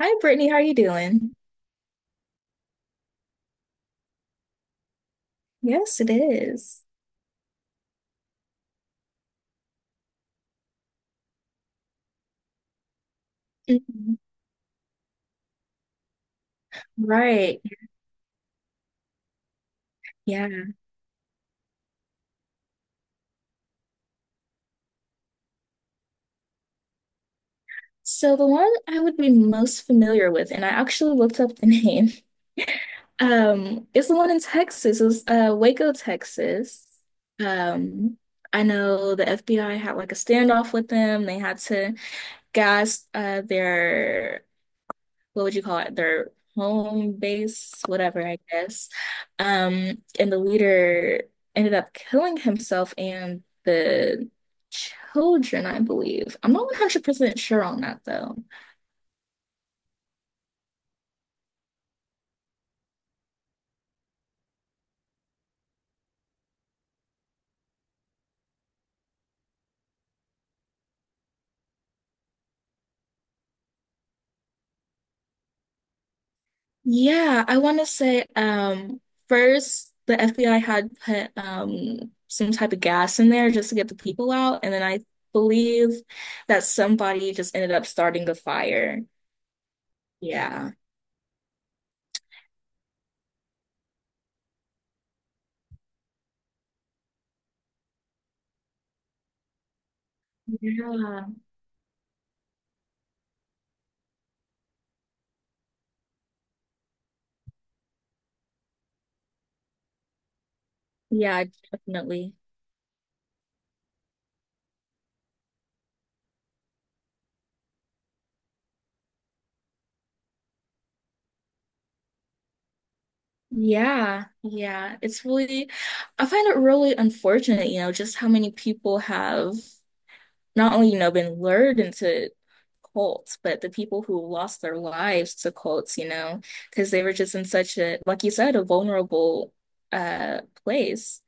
Hi, Brittany. How are you doing? Yes, it is. Mhm. Right. Yeah. So the one I would be most familiar with, and I actually looked up the name, is the one in Texas. It was Waco, Texas. Um, I know the FBI had like a standoff with them. They had to gas their what would you call it? Their home base, whatever, I guess. And the leader ended up killing himself and the children, I believe. I'm not 100% sure on that though. Yeah, I want to say first the FBI had put some type of gas in there just to get the people out, and then I believe that somebody just ended up starting the fire. Yeah. Yeah. Yeah, definitely. Yeah. It's I find it really unfortunate, you know, just how many people have not only, you know, been lured into cults, but the people who lost their lives to cults, you know, because they were just in such a, like you said, a vulnerable place.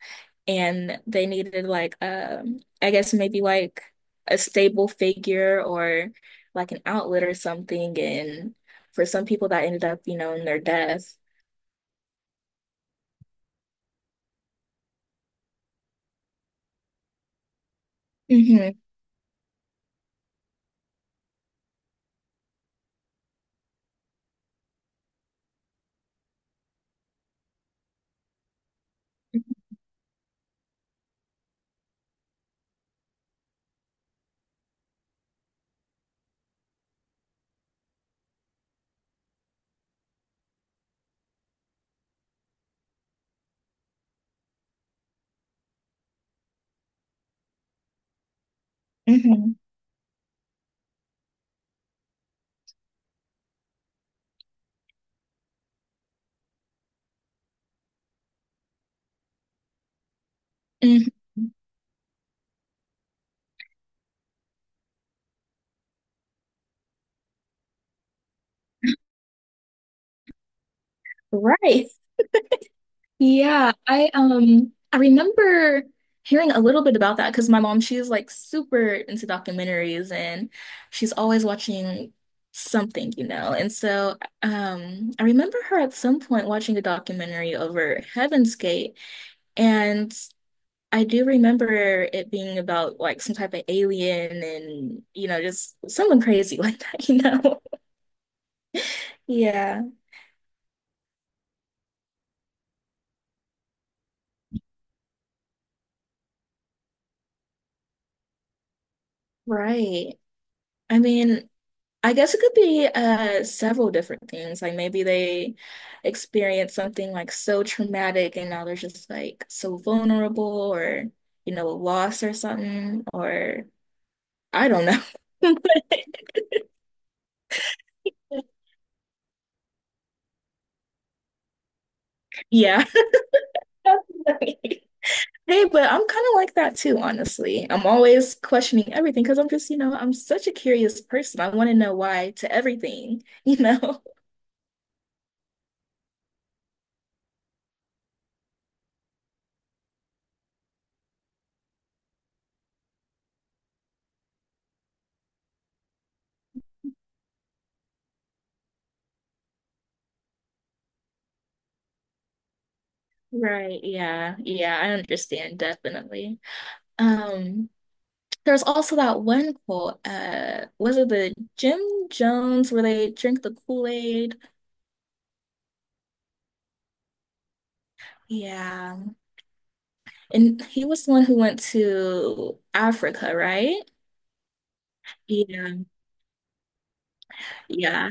And they needed like I guess maybe like a stable figure or like an outlet or something. And for some people that ended up, you know, in their death. Hmm. Hmm. Hmm. Right. Yeah, I remember hearing a little bit about that because my mom, she's like super into documentaries and she's always watching something, you know. And so I remember her at some point watching a documentary over Heaven's Gate and I do remember it being about like some type of alien and you know just someone crazy like that, you know. Yeah, right. I mean, I guess it could be several different things. Like maybe they experience something like so traumatic and now they're just like so vulnerable or you know, a loss or something or I don't know. Yeah. Definitely. Hey, but I'm kind of like that too, honestly. I'm always questioning everything because I'm just, you know, I'm such a curious person. I want to know why to everything, you know? Right, yeah, I understand definitely. Um, There's also that one quote, was it the Jim Jones where they drink the Kool-Aid? Yeah. And he was the one who went to Africa, right? Yeah. Yeah.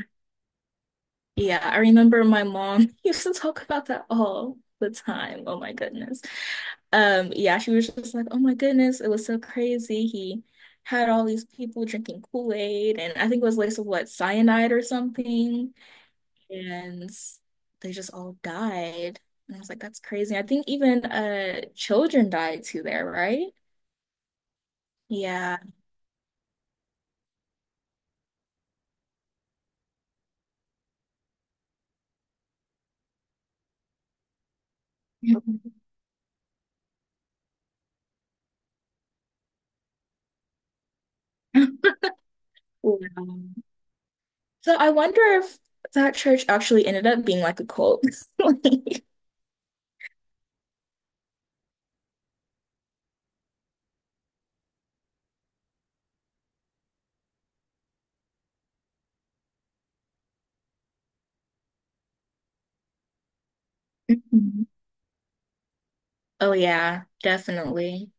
Yeah. I remember my mom used to talk about that all the time. Oh my goodness. Yeah, she was just like, oh my goodness, it was so crazy. He had all these people drinking Kool-Aid, and I think it was like some what cyanide or something. And they just all died. And I was like, that's crazy. I think even children died too there, right? Yeah. Mhm. Wow. So I wonder if that church actually ended up being like a cult. Like— Mhm. Oh yeah, definitely.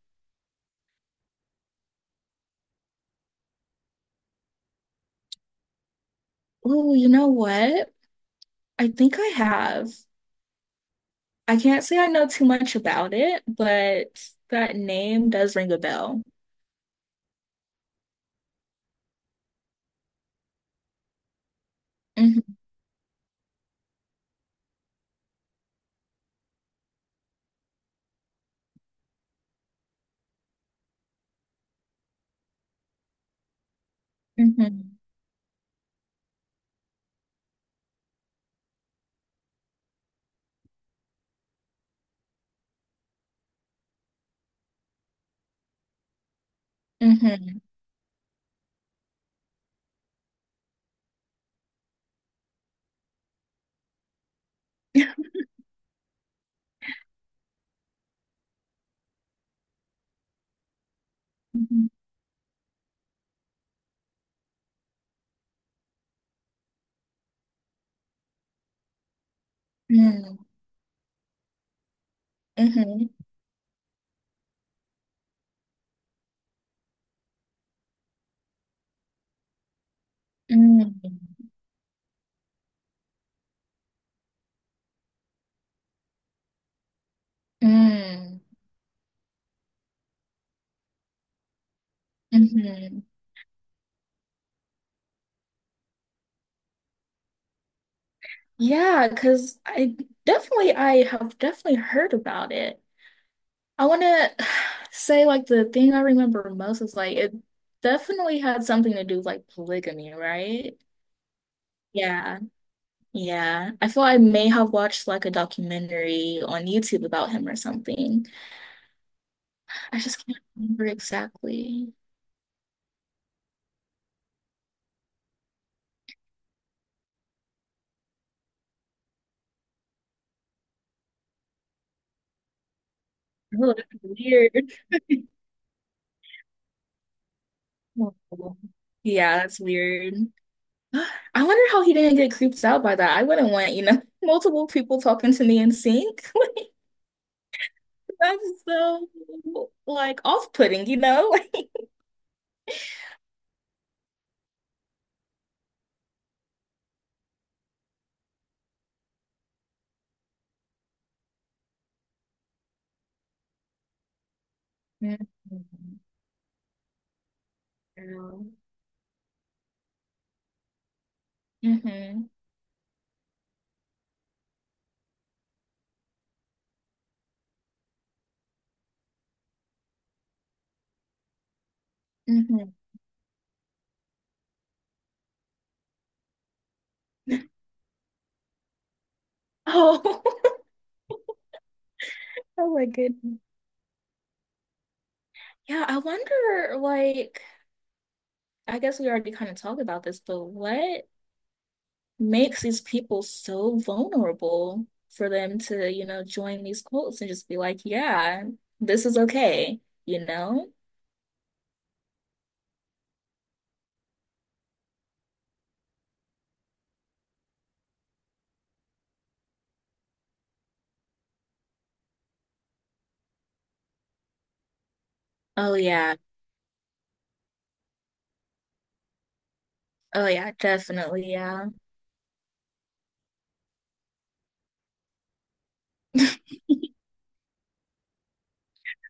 Oh, you know what? I think I have. I can't say I know too much about it, but that name does ring a bell. Hmm. Hmm. Hmm. Hmm. Hmm. Mm, mm, mm-hmm. Yeah, because I have definitely heard about it. I want to say like the thing I remember most is like it definitely had something to do with like polygamy, right? Yeah, yeah. I feel I may have watched like a documentary on YouTube about him or something. I just can't remember exactly. Oh, that's weird. Oh. Yeah, that's weird. I wonder how he didn't get creeped out by that. I wouldn't want, you know, multiple people talking to me in sync. Like, that's so like off-putting, you know? Mhm. Girl. Hmm. Hmm. Oh, oh my goodness. Yeah, I wonder, like, I guess we already kind of talked about this, but what makes these people so vulnerable for them to, you know, join these cults and just be like, yeah, this is okay, you know? Oh, yeah. Oh yeah, definitely, yeah.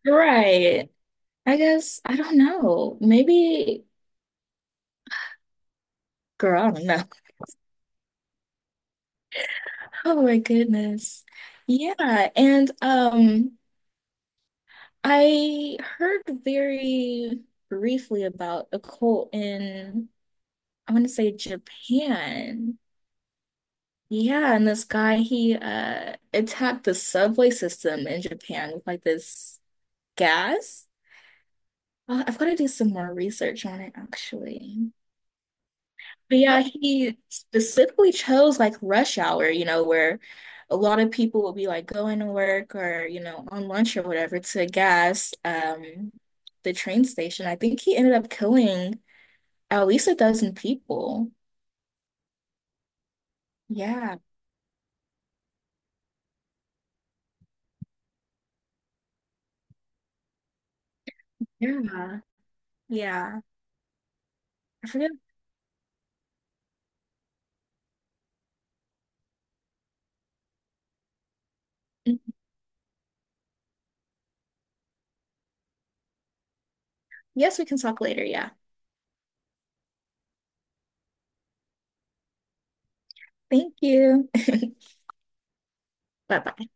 Right. I guess I don't know. Maybe girl, I don't know. Oh my goodness. Yeah, and I heard very briefly about a cult in I want to say Japan. Yeah, and this guy he attacked the subway system in Japan with like this gas. I've got to do some more research on it actually. But yeah, he specifically chose like rush hour, you know, where a lot of people will be like going to work or, you know, on lunch or whatever to gas the train station. I think he ended up killing at least a dozen people. Yeah. Yeah. Yeah. I forget. Mhm. Yes, we can talk later. Yeah. Thank you. Bye bye.